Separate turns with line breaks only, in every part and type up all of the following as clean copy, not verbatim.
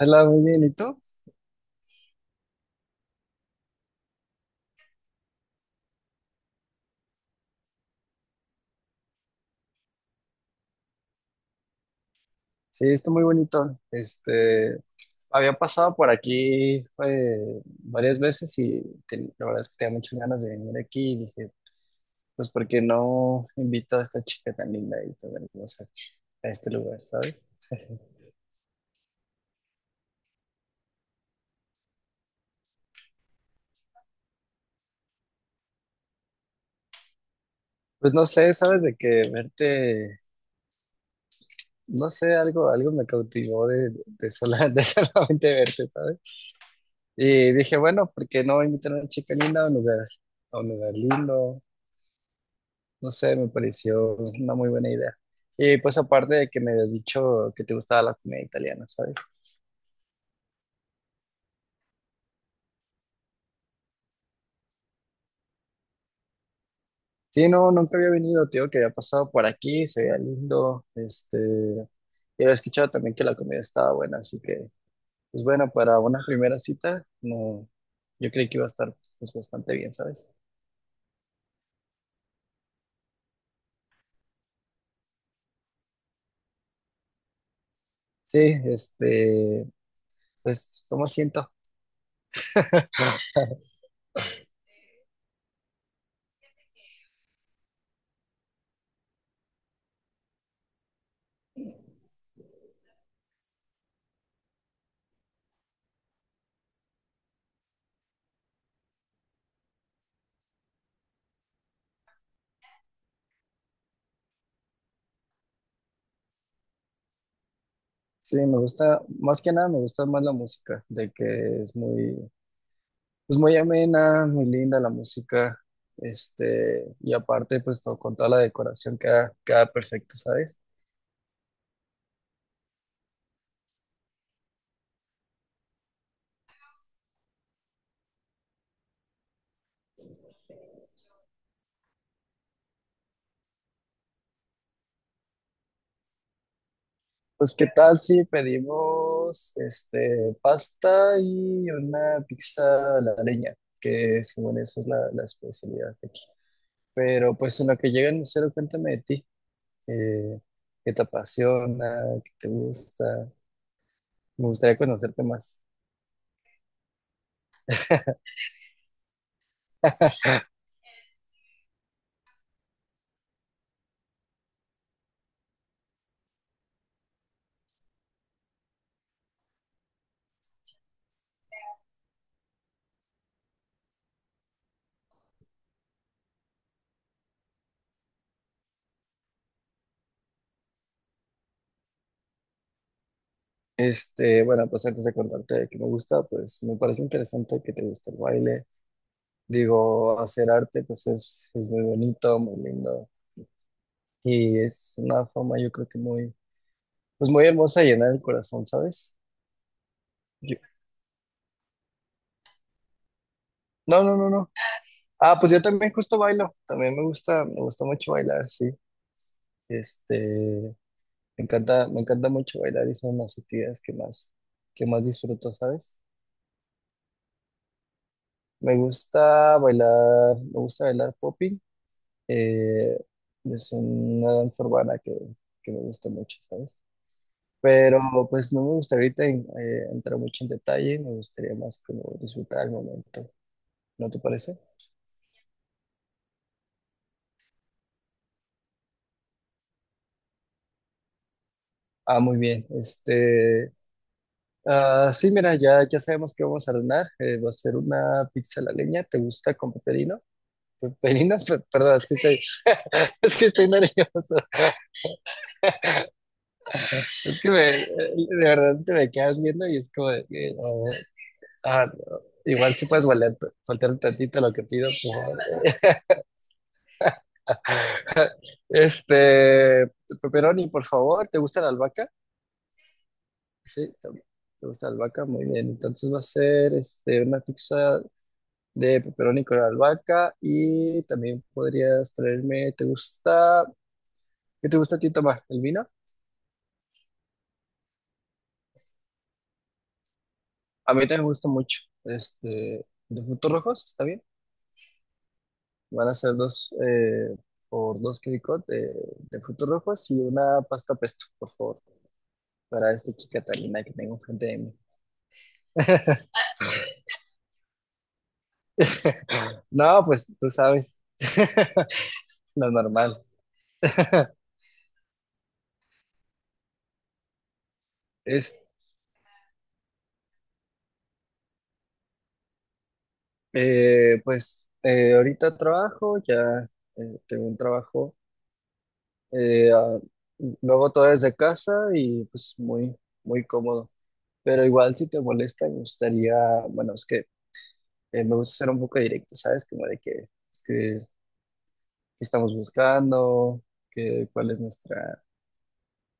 Hola, muy bien, ¿y tú? Sí, está muy bonito. Había pasado por aquí varias veces y la verdad es que tenía muchas ganas de venir aquí y dije, pues, ¿por qué no invito a esta chica tan linda y tan hermosa a este lugar, ¿sabes? Pues no sé, ¿sabes? De que verte, no sé, algo me cautivó de de solamente verte, ¿sabes? Y dije, bueno, ¿por qué no invitar a una chica linda a un lugar lindo? No sé, me pareció una muy buena idea. Y pues aparte de que me habías dicho que te gustaba la comida italiana, ¿sabes? Sí, no, nunca había venido, tío, que había pasado por aquí, se veía lindo, y había escuchado también que la comida estaba buena, así que, pues bueno, para una primera cita, no, yo creí que iba a estar pues bastante bien, ¿sabes? Sí, este, pues toma asiento. Sí, me gusta, más que nada me gusta más la música, de que es muy, pues muy amena, muy linda la música, y aparte, con toda la decoración queda perfecto, ¿sabes? Pues, ¿qué tal si pedimos, este, pasta y una pizza a la leña? Que según eso es la especialidad de aquí. Pero, pues, en lo que llega el mesero, cuéntame de ti, eh, ¿qué te apasiona? ¿Qué te gusta? Me gustaría conocerte más. Bueno, pues antes de contarte qué me gusta, pues me parece interesante que te guste el baile. Digo, hacer arte pues es muy bonito, muy lindo y es una forma yo creo que muy, pues muy hermosa de llenar el corazón, ¿sabes? Yo- no, no, no, no. Ah, pues yo también justo bailo, también me gusta mucho bailar, sí. Este, me encanta mucho bailar y son las actividades que más disfruto, ¿sabes? Me gusta bailar popping, eh, es una danza urbana que me gusta mucho, ¿sabes? Pero pues no me gustaría ahorita entrar mucho en detalle, me gustaría más como disfrutar el momento, ¿no te parece? Ah, muy bien. Ah, sí, mira, ya sabemos que vamos a ordenar. Eh, va a ser una pizza a la leña. ¿Te gusta con pepperino? Perdón, es que estoy, es que estoy nervioso. Es que de verdad te me quedas viendo y es como, de que, oh, ah, no. Igual si puedes faltar un tantito a lo que pido, por favor. Este, Pepperoni, por favor, ¿te gusta la albahaca? Sí, también. ¿Te gusta la albahaca? Muy bien. Entonces va a ser este, una pizza de pepperoni con albahaca y también podrías traerme, ¿te gusta? ¿Qué te gusta a ti tomar? ¿El vino? A mí también me gusta mucho. Este, de frutos rojos, ¿está bien? Van a ser dos por dos quericot de frutos rojos y una pasta pesto, por favor, para esta chica tan linda que tengo enfrente de mí. No, pues tú sabes. lo normal. Es, pues ahorita trabajo, ya tengo un trabajo, eh, ah, lo todo desde casa y pues muy, muy cómodo. Pero igual si te molesta, me gustaría, bueno, es que me gusta ser un poco directo, ¿sabes? Como de que, es que, qué estamos buscando, que, cuál es nuestra,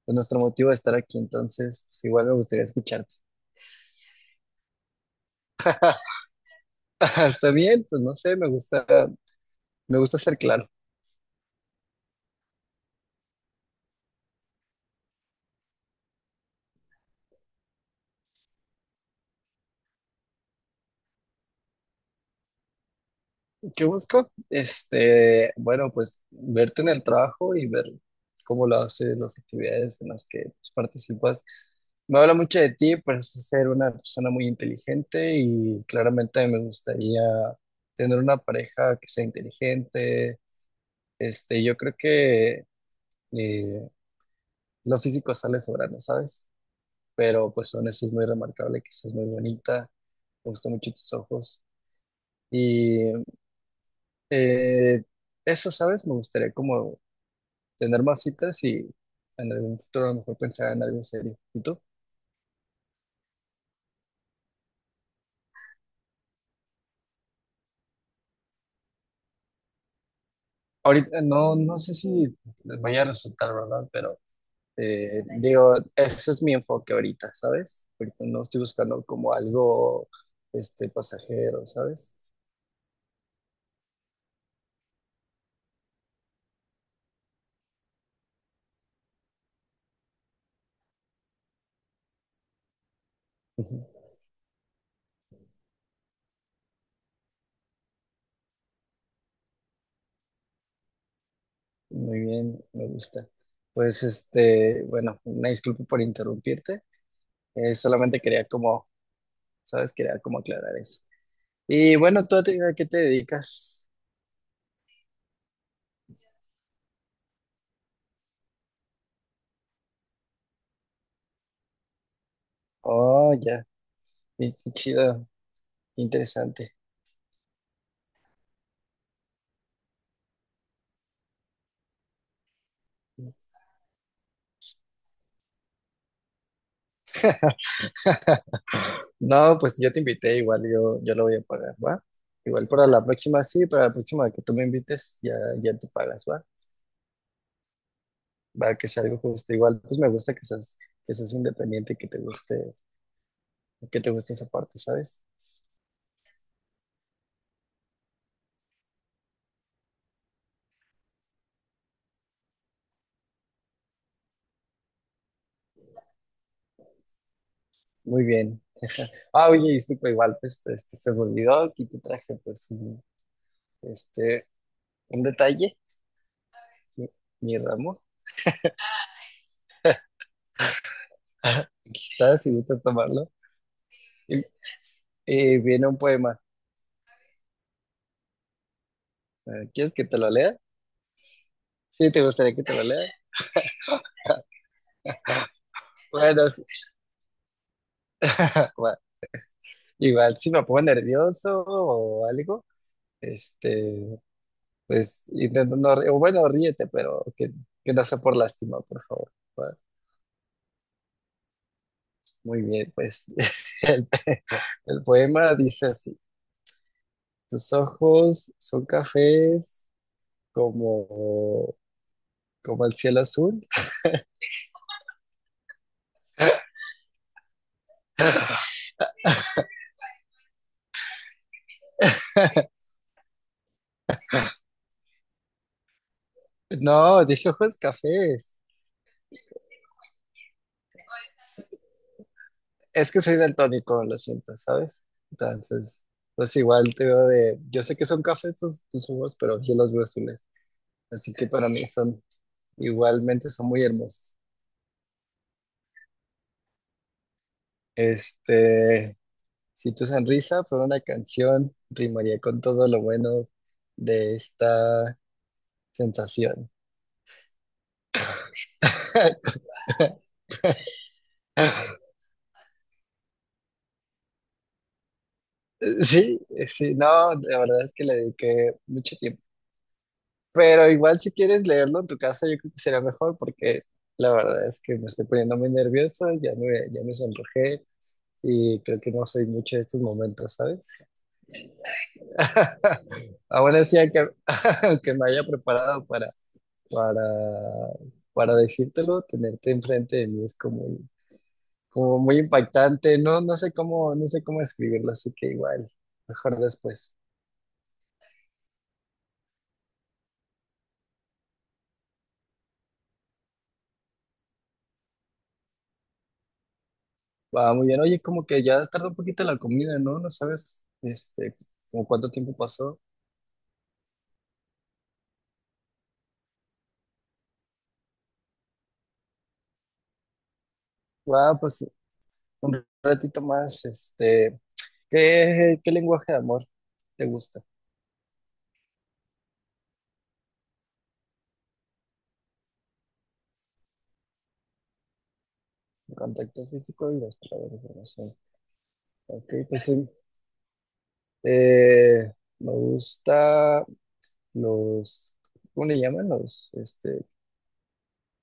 pues, nuestro motivo de estar aquí. Entonces, pues igual me gustaría escucharte. Está bien, pues no sé, me gusta ser claro. ¿Qué busco? Bueno, pues verte en el trabajo y ver cómo lo haces, las actividades en las que pues, participas. Me habla mucho de ti, pues ser una persona muy inteligente y claramente me gustaría tener una pareja que sea inteligente. Este, yo creo que eh, lo físico sale sobrando, ¿sabes? Pero pues Vanessa es muy remarcable, que es muy bonita, me gustan mucho tus ojos. Y eh, eso, ¿sabes? Me gustaría como tener más citas y en algún futuro a lo mejor pensar en algo serio. ¿Y tú? Ahorita no, no sé si les vaya a resultar, ¿verdad? Pero digo, ese es mi enfoque ahorita, ¿sabes? Ahorita no estoy buscando como algo este, pasajero, ¿sabes? Ujú. Muy bien, me gusta. Pues este, bueno, una disculpa por interrumpirte. Solamente quería como, ¿sabes? Quería como aclarar eso. Y bueno, ¿tú a ti- a qué te dedicas? Oh, ya, qué chido. Interesante. No, pues yo te invité, igual yo, yo lo voy a pagar, ¿va? Igual para la próxima, sí, para la próxima que tú me invites, ya tú pagas, ¿va? Va, que sea algo justo. Igual, pues me gusta que seas independiente y que te guste esa parte, ¿sabes? Muy bien. Ah, oye, disculpa, igual, pues este, se me olvidó, aquí te traje, pues, este, un detalle, mi, mi ramo. Aquí está, si gustas tomarlo. Y, y viene un poema. ¿Quieres que te lo lea? Sí, ¿te gustaría que te lo lea? Bueno, es- bueno, igual si me pongo nervioso o algo, este, pues intentando, o bueno, ríete, pero que no sea por lástima, por favor. Bueno, muy bien, pues el, el poema dice así, tus ojos son cafés como, como el cielo azul. No, dije ojos cafés. Es que soy daltónico, lo siento, ¿sabes? Entonces, pues igual te veo de, yo sé que son cafés tus humos, pero yo los veo azules, así que para mí son, igualmente son muy hermosos. Este, si tu sonrisa fuera una canción, rimaría con todo lo bueno de esta sensación. Sí, sí, no, la verdad es que le dediqué mucho tiempo. Pero igual si quieres leerlo en tu casa, yo creo que sería mejor porque la verdad es que me estoy poniendo muy nervioso, ya me sonrojé y creo que no soy mucho de estos momentos, ¿sabes? Aún así, aunque, aunque me haya preparado para, para decírtelo, tenerte enfrente de mí es como, como muy impactante, no, no sé cómo, no sé cómo escribirlo, así que igual, mejor después. Va, muy bien, oye, como que ya tardó un poquito la comida, ¿no? ¿No sabes, como cuánto tiempo pasó? Ah, pues un ratito más, ¿qué lenguaje de amor te gusta? El contacto físico y las palabras de información. Ok, pues sí, eh, me gusta los, ¿cómo le llaman? Los,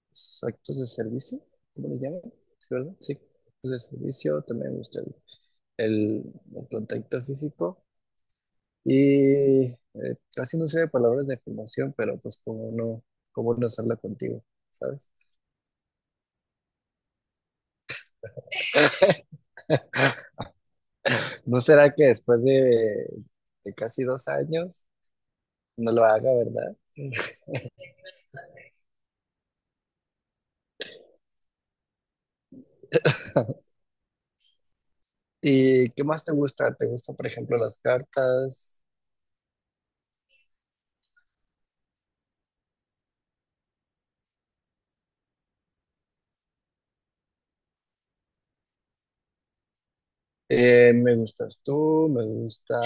los actos de servicio, ¿cómo le llaman? ¿Sí, verdad? Sí, actos de servicio, también me gusta el- el contacto físico y casi no sé de palabras de afirmación, pero pues como no, cómo no hacerla contigo, ¿sabes? ¿No será que después de casi 2 años no lo haga, verdad? ¿Y qué más te gusta? ¿Te gustan, por ejemplo, las cartas? Me gustas tú, me gusta,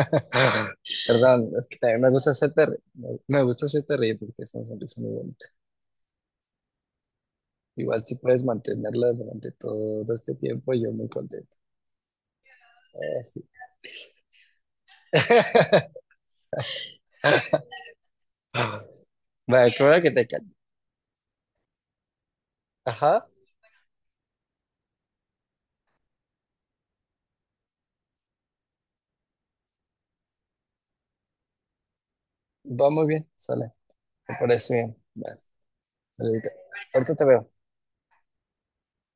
Perdón, es que también me gusta hacerte reír. Me gusta hacerte reír porque es una sonrisa muy bonita. Igual si puedes mantenerla durante todo este tiempo, yo muy contento. Sí. Vale, qué bueno que te calles. Ajá, va muy bien, sale, me parece bien. Va, ahorita, ahorita te veo.